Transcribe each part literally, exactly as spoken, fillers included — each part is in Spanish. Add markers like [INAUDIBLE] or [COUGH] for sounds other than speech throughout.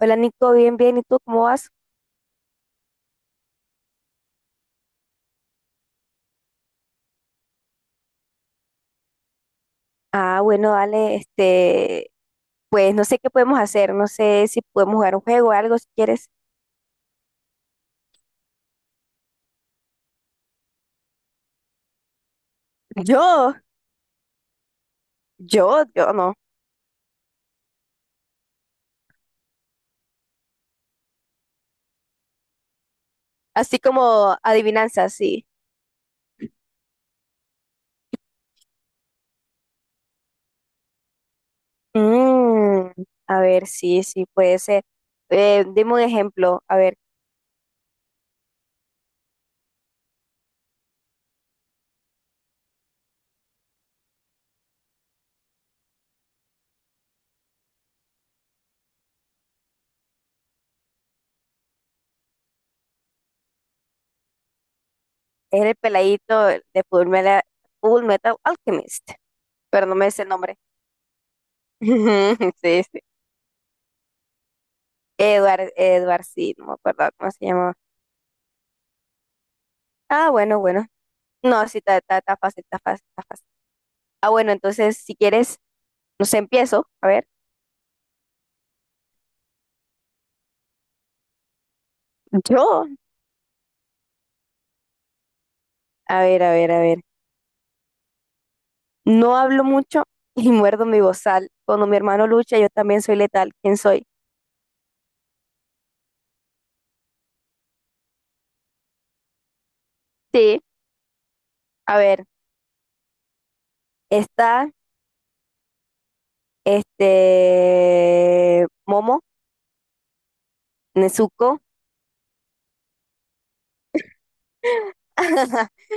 Hola Nico, bien, bien, ¿y tú cómo vas? Ah, bueno, dale, este, pues no sé qué podemos hacer, no sé si podemos jugar un juego o algo si quieres. Yo, yo, yo no. Así como adivinanzas, sí. Mm, a ver, sí, sí, puede ser. Eh, dime un ejemplo, a ver, es el peladito de Full Metal, Full Metal Alchemist, pero no me sé el nombre. [LAUGHS] Sí, sí. Edward, Edward, sí, no me acuerdo cómo se llamaba. Ah, bueno, bueno. No, sí, está, está, está fácil, está fácil, está fácil. Ah, bueno, entonces si quieres, no sé, empiezo. A ver, yo, a ver, a ver, a ver. No hablo mucho [LAUGHS] y muerdo mi bozal. Cuando mi hermano lucha, yo también soy letal. ¿Quién soy? Sí. A ver, está este Momo, Nezuko. [LAUGHS]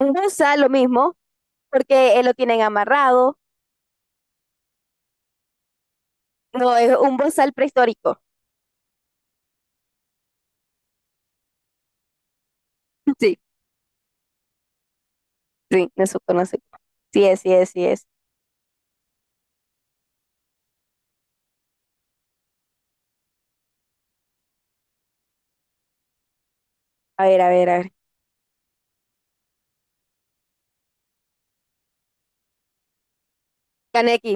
Un bozal, lo mismo, porque él lo tienen amarrado. No, es un bozal prehistórico. [LAUGHS] Sí, sí, Nezuko, no sé. Sí es, sí es, sí es. A ver, a ver, a ver. Kaneki,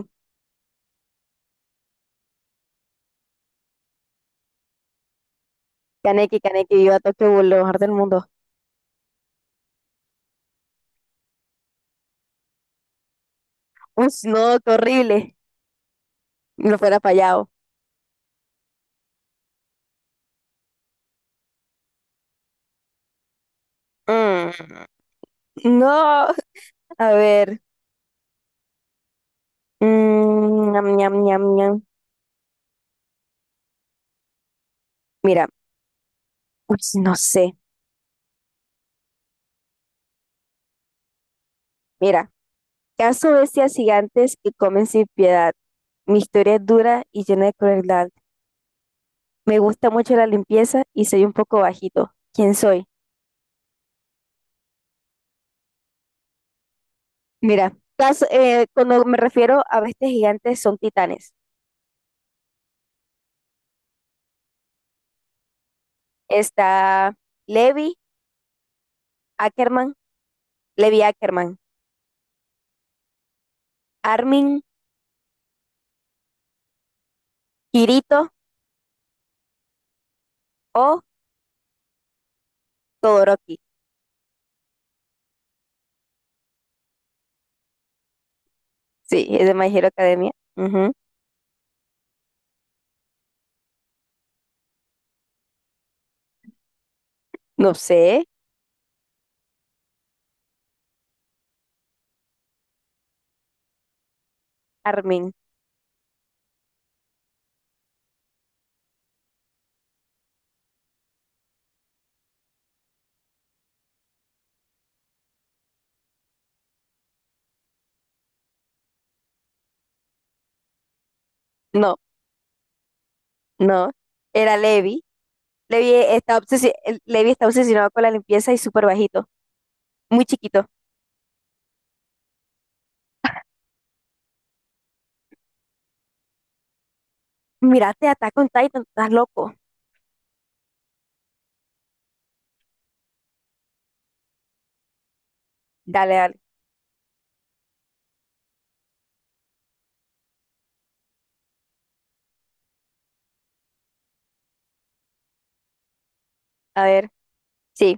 Kaneki, Kaneki, viva Tokio, lo mejor del mundo. Uy, no, qué horrible. No fuera fallado. Mm, no, [LAUGHS] a ver. Mm, ñam, ñam, ñam, ñam. Mira, uy, no sé. Mira, caso bestias gigantes que comen sin piedad. Mi historia es dura y llena de crueldad. Me gusta mucho la limpieza y soy un poco bajito. ¿Quién soy? Mira, caso- eh, cuando me refiero a bestias gigantes son titanes. Está Levi Ackerman, Levi Ackerman, Armin, Kirito o Todoroki. Sí, es de My Hero Academia. Ujú. No sé, Armin. No, no. Era Levi. Levi está obsesi- el- Levi está obsesionado con la limpieza y súper bajito, muy chiquito. Mírate, Attack on Titan, estás loco. Dale, dale. A ver, sí.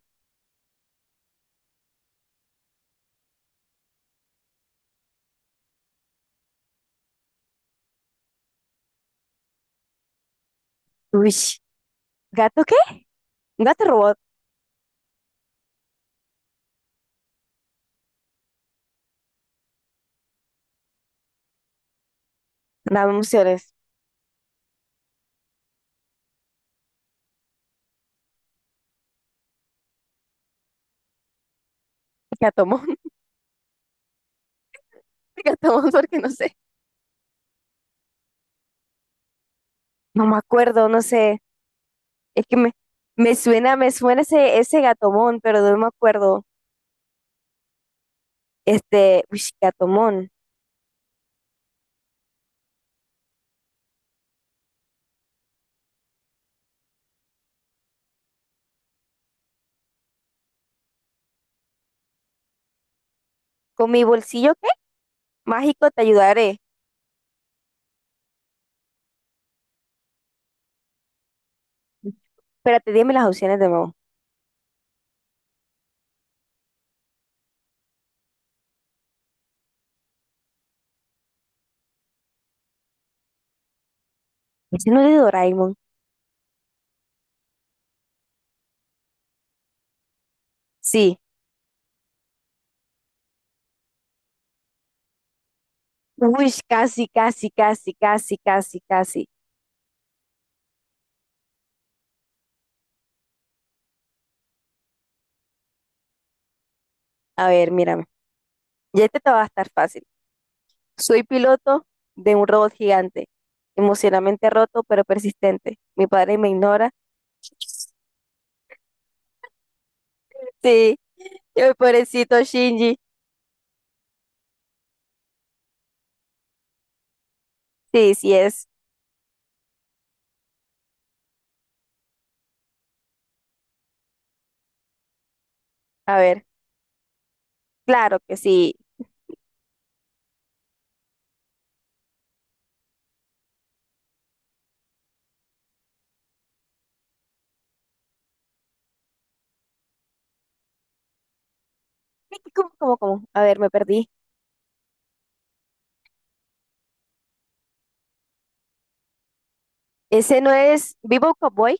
Uy, ¿gato qué? Gato robot. Dame emociones. Gatomón, [LAUGHS] gatomón, porque no sé. No me acuerdo, no sé. Es que me, me suena, me suena ese, ese gatomón, pero no me acuerdo. Este, uy, gatomón. Con mi bolsillo mágico, te ayudaré. Espérate, dime las opciones de nuevo. Ese no es de Doraemon. Sí. Uy, casi, casi, casi, casi, casi, casi. A ver, mírame. Ya este te va a estar fácil. Soy piloto de un robot gigante, emocionalmente roto pero persistente. Mi padre me ignora. Sí, el pobrecito Shinji. Sí, sí es. A ver, claro que sí. ¿Cómo, cómo, cómo? A ver, me perdí. ¿Ese no es Vivo Cowboy?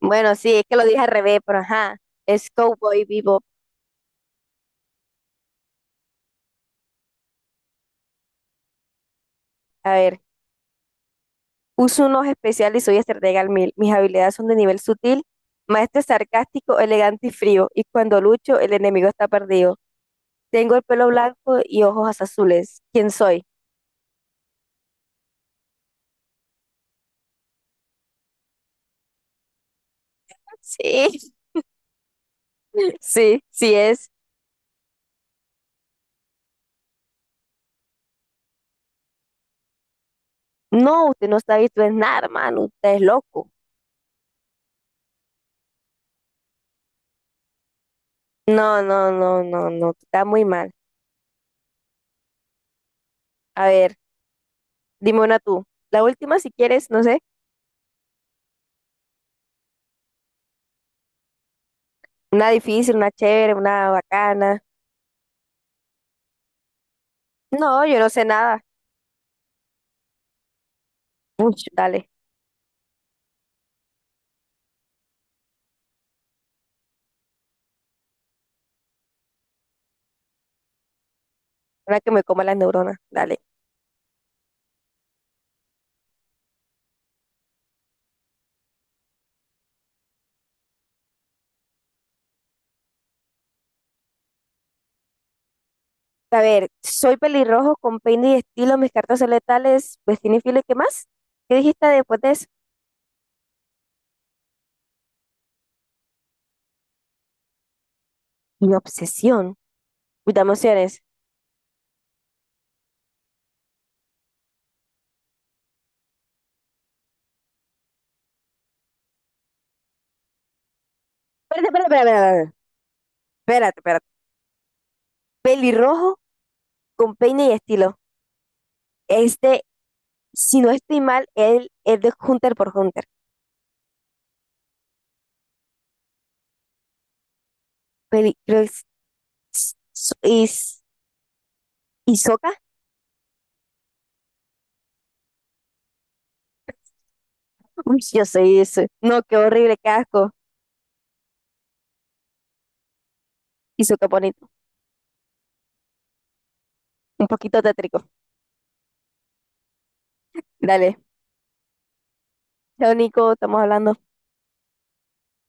Bueno, sí, es que lo dije al revés, pero ajá. Es Cowboy Vivo. A ver, uso unos especiales y soy estratega al mil. Mis habilidades son de nivel sutil, maestro sarcástico, elegante y frío. Y cuando lucho, el enemigo está perdido. Tengo el pelo blanco y ojos azules. ¿Quién soy? Sí, [LAUGHS] sí, sí es. No, usted no está visto en nada, hermano. Usted es loco. No, no, no, no, no. Está muy mal. A ver, dime una tú. La última, si quieres, no sé. Una difícil, una chévere, una bacana. No, yo no sé nada. Uy, dale. Una que me coma las neuronas. Dale. A ver, soy pelirrojo con peine y estilo, mis cartas son letales, destino infiel, ¿y ¿qué más? ¿Qué dijiste después de eso? Mi obsesión. Uy, dame opciones. Espérate, espérate, espérate, espérate, espérate, espérate. Pelirrojo con peine y estilo. Este, si no estoy mal, él es de Hunter por Hunter. Peli, creo que es- so- is- ¿Hisoka? [LAUGHS] Uy, yo soy ese. No, qué horrible, qué asco. Hisoka bonito. Un poquito tétrico. Dale. Chao, Nico, estamos hablando.